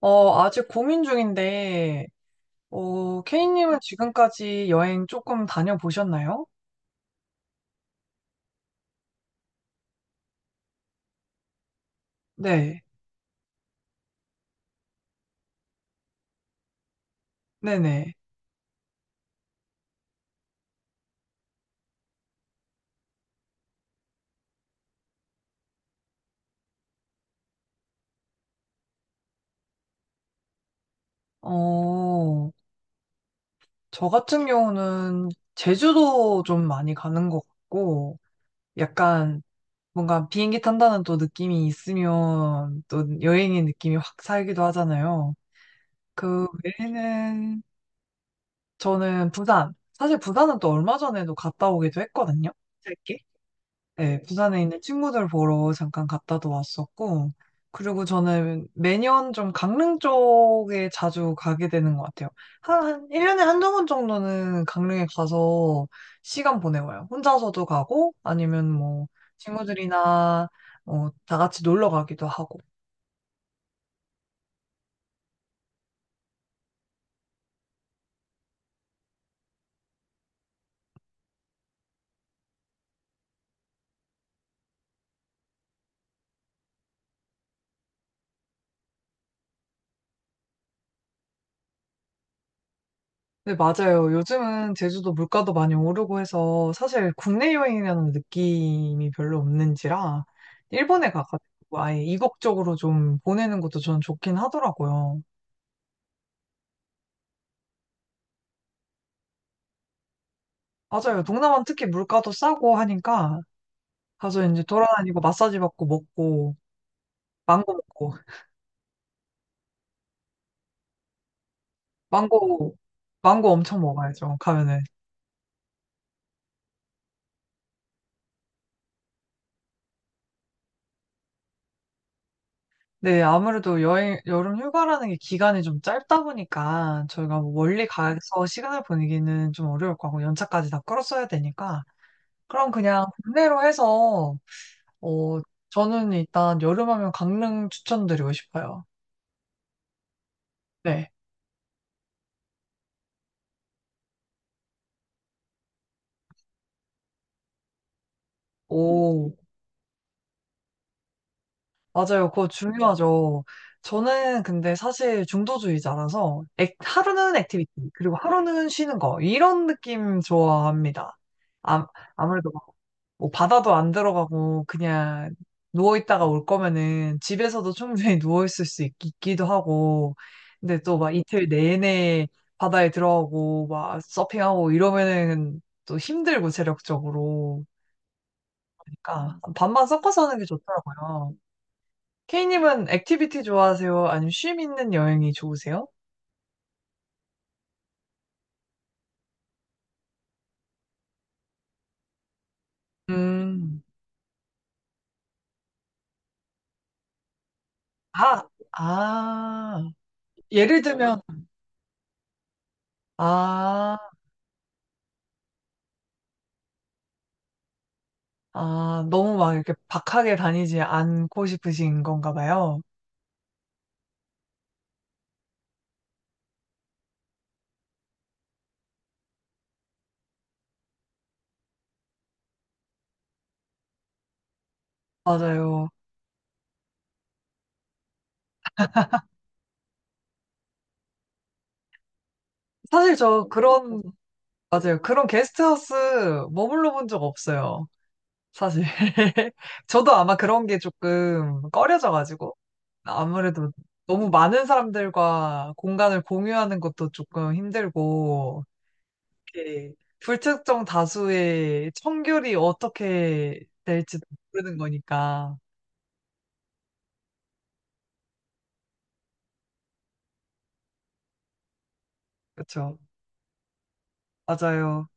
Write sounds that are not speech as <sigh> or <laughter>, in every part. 아직 고민 중인데, 케이님은 지금까지 여행 조금 다녀보셨나요? 네, 네네. 어, 저 같은 경우는 제주도 좀 많이 가는 것 같고, 약간 뭔가 비행기 탄다는 또 느낌이 있으면 또 여행의 느낌이 확 살기도 하잖아요. 그 외에는 저는 부산, 사실 부산은 또 얼마 전에도 갔다 오기도 했거든요. 짧게? 네, 부산에 있는 친구들 보러 잠깐 갔다도 왔었고, 그리고 저는 매년 좀 강릉 쪽에 자주 가게 되는 것 같아요. 한 1년에 한 두 번 정도는 강릉에 가서 시간 보내와요. 혼자서도 가고, 아니면 뭐, 친구들이나, 다 같이 놀러 가기도 하고. 네, 맞아요. 요즘은 제주도 물가도 많이 오르고 해서 사실 국내 여행이라는 느낌이 별로 없는지라 일본에 가가지고 아예 이국적으로 좀 보내는 것도 전 좋긴 하더라고요. 맞아요. 동남아는 특히 물가도 싸고 하니까 가서 이제 돌아다니고 마사지 받고 먹고 망고 먹고 망고. 망고 엄청 먹어야죠. 가면은. 네, 아무래도 여름 휴가라는 게 기간이 좀 짧다 보니까 저희가 뭐 멀리 가서 시간을 보내기는 좀 어려울 거고 연차까지 다 끌었어야 되니까 그럼 그냥 국내로 해서 어 저는 일단 여름하면 강릉 추천드리고 싶어요. 네. 오, 맞아요. 그거 중요하죠. 저는 근데 사실 중도주의자라서 하루는 액티비티 그리고 하루는 쉬는 거 이런 느낌 좋아합니다. 아, 아무래도 뭐 바다도 안 들어가고 그냥 누워 있다가 올 거면은 집에서도 충분히 <laughs> 누워 있을 수 있, 기도 하고 근데 또 막 이틀 내내 바다에 들어가고 막 서핑하고 이러면은 또 힘들고 체력적으로 그러니까 반반 섞어서 하는 게 좋더라고요. K님은 액티비티 좋아하세요? 아니면 쉼 있는 여행이 좋으세요? 음. 아, 아. 예를 들면 아. 아, 너무 막 이렇게 박하게 다니지 않고 싶으신 건가 봐요. 맞아요. 사실 저 그런, 맞아요. 그런 게스트하우스 머물러 본 적 없어요. 사실. <laughs> 저도 아마 그런 게 조금 꺼려져가지고. 아무래도 너무 많은 사람들과 공간을 공유하는 것도 조금 힘들고, 이렇게 불특정 다수의 청결이 어떻게 될지 모르는 거니까. 그렇죠. 맞아요.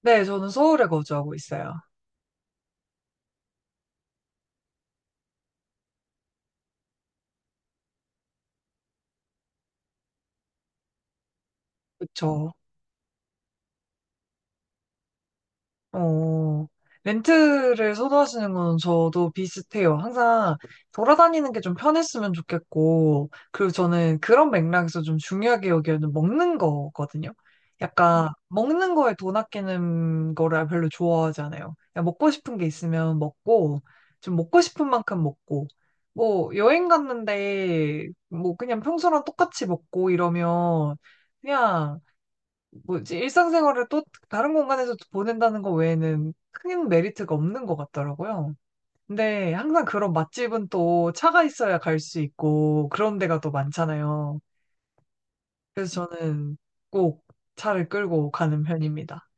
네, 저는 서울에 거주하고 있어요. 그쵸. 어, 렌트를 선호하시는 건 저도 비슷해요. 항상 돌아다니는 게 좀 편했으면 좋겠고, 그리고 저는 그런 맥락에서 좀 중요하게 여기는 먹는 거거든요. 약간, 먹는 거에 돈 아끼는 거를 별로 좋아하지 않아요. 그냥 먹고 싶은 게 있으면 먹고, 좀 먹고 싶은 만큼 먹고, 뭐, 여행 갔는데, 뭐, 그냥 평소랑 똑같이 먹고 이러면, 그냥, 뭐지, 일상생활을 또 다른 공간에서 보낸다는 거 외에는 큰 메리트가 없는 것 같더라고요. 근데 항상 그런 맛집은 또 차가 있어야 갈 수 있고 그런 데가 또 많잖아요. 그래서 저는 꼭 차를 끌고 가는 편입니다.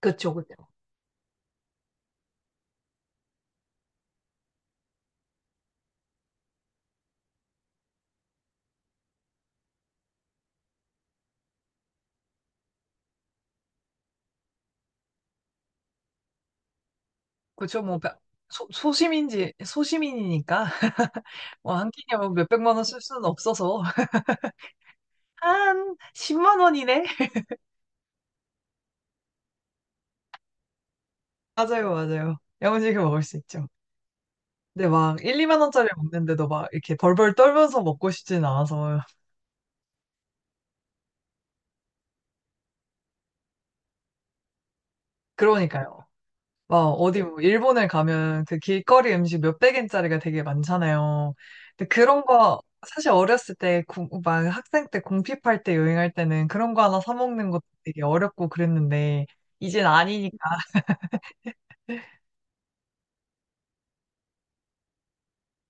그쵸, 그쵸. 그쵸, 뭐, 소심인지, 소시민이니까, <laughs> 뭐, 한 끼에 뭐 몇백만 원 쓸 수는 없어서, <laughs> 한 10만 원이네? <laughs> 맞아요, 맞아요. 야무지게 먹을 수 있죠. 근데 막 1, 2만 원짜리 먹는데도 막 이렇게 벌벌 떨면서 먹고 싶진 않아서. 그러니까요. 막 어디 뭐 일본에 가면 그 길거리 음식 몇백 엔짜리가 되게 많잖아요. 근데 그런 거 사실 어렸을 때, 막 학생 때 공핍할 때 여행할 때는 그런 거 하나 사 먹는 것도 되게 어렵고 그랬는데 이젠 아니니까.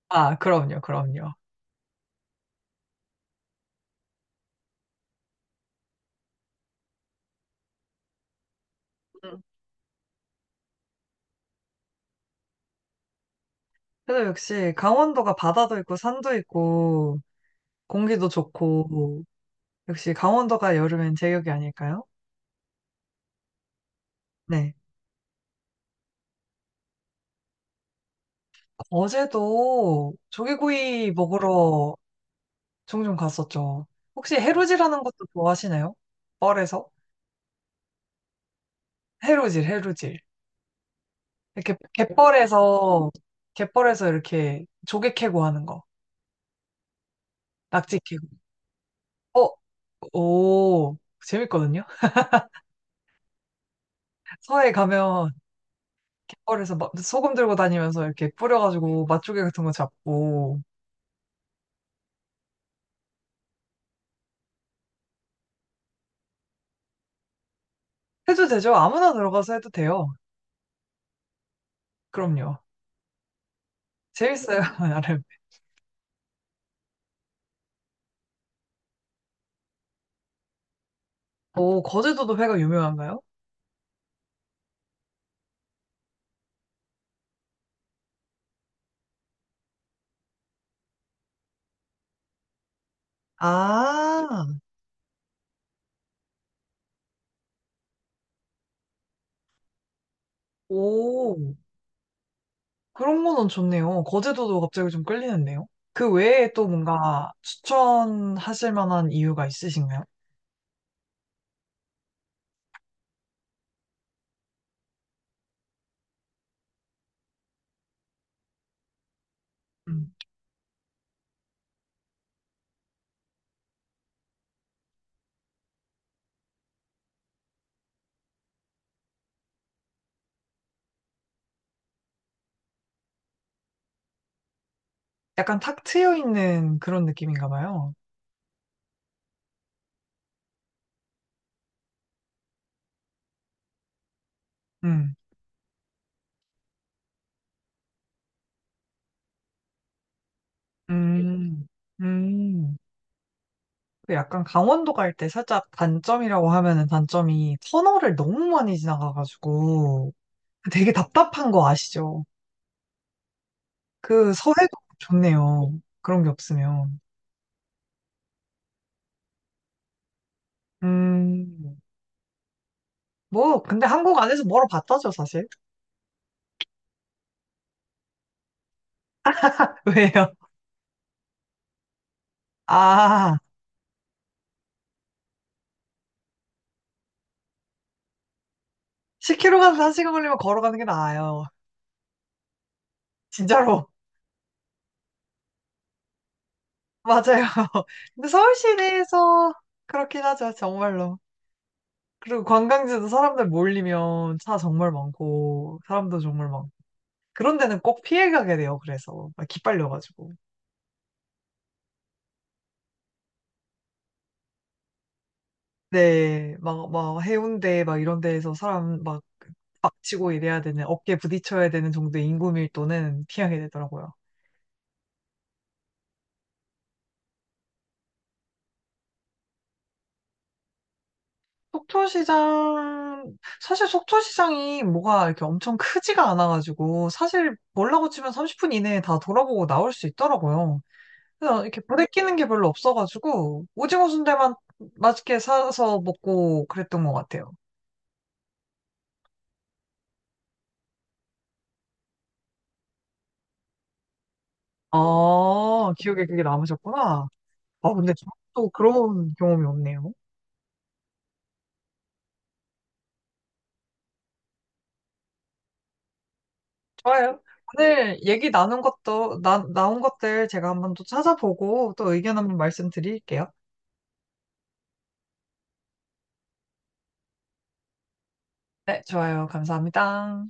아, 그럼요, 그럼요. 음. 그래서 역시 강원도가 바다도 있고 산도 있고 공기도 좋고 역시 강원도가 여름엔 제격이 아닐까요? 네. 어제도 조개구이 먹으러 종종 갔었죠. 혹시 해루질하는 것도 좋아하시나요? 뻘에서? 해루질, 해루질. 이렇게 갯벌에서 이렇게 조개 캐고 하는 거. 낙지 캐고. 어, 오, 재밌거든요? 서해 가면 갯벌에서 막 소금 들고 다니면서 이렇게 뿌려가지고 맛조개 같은 거 잡고. 해도 되죠? 아무나 들어가서 해도 돼요. 그럼요. 재밌어요, <laughs> 나름. 오, 거제도도 회가 유명한가요? 아, 오, 그런 거는 좋네요. 거제도도 갑자기 좀 끌리는데요. 그 외에 또 뭔가 추천하실 만한 이유가 있으신가요? 음. 약간 탁 트여 있는 그런 느낌인가 봐요. 음, 음, 음. 그 약간 강원도 갈 때 살짝 단점이라고 하면은 단점이 터널을 너무 많이 지나가가지고 되게 답답한 거 아시죠? 그 서해도 좋네요. 그런 게 없으면. 음, 뭐, 근데 한국 안에서 멀어봤다죠, 사실. <laughs> 왜요? 아, 10km 가서 1시간 걸리면 걸어가는 게 나아요. 진짜로. <laughs> 맞아요. <laughs> 근데 서울 시내에서 그렇긴 하죠. 정말로. 그리고 관광지도 사람들 몰리면 차 정말 많고, 사람도 정말 많고. 그런 데는 꼭 피해 가게 돼요. 그래서. 막 기빨려가지고. 네. 막 해운대 막 이런 데에서 사람 막 박치고 이래야 되는, 어깨 부딪혀야 되는 정도의 인구 밀도는 피하게 되더라고요. 속초시장, 사실 속초시장이 뭐가 이렇게 엄청 크지가 않아가지고, 사실 몰라고 치면 30분 이내에 다 돌아보고 나올 수 있더라고요. 그래서 이렇게 부대 끼는 게 별로 없어가지고, 오징어 순대만 맛있게 사서 먹고 그랬던 것 같아요. 아, 기억에 그게 남으셨구나. 아, 근데 저도 그런 경험이 없네요. 좋아요. 오늘 얘기 나눈 것도, 나온 것들 제가 한번 또 찾아보고 또 의견 한번 말씀드릴게요. 네, 좋아요. 감사합니다.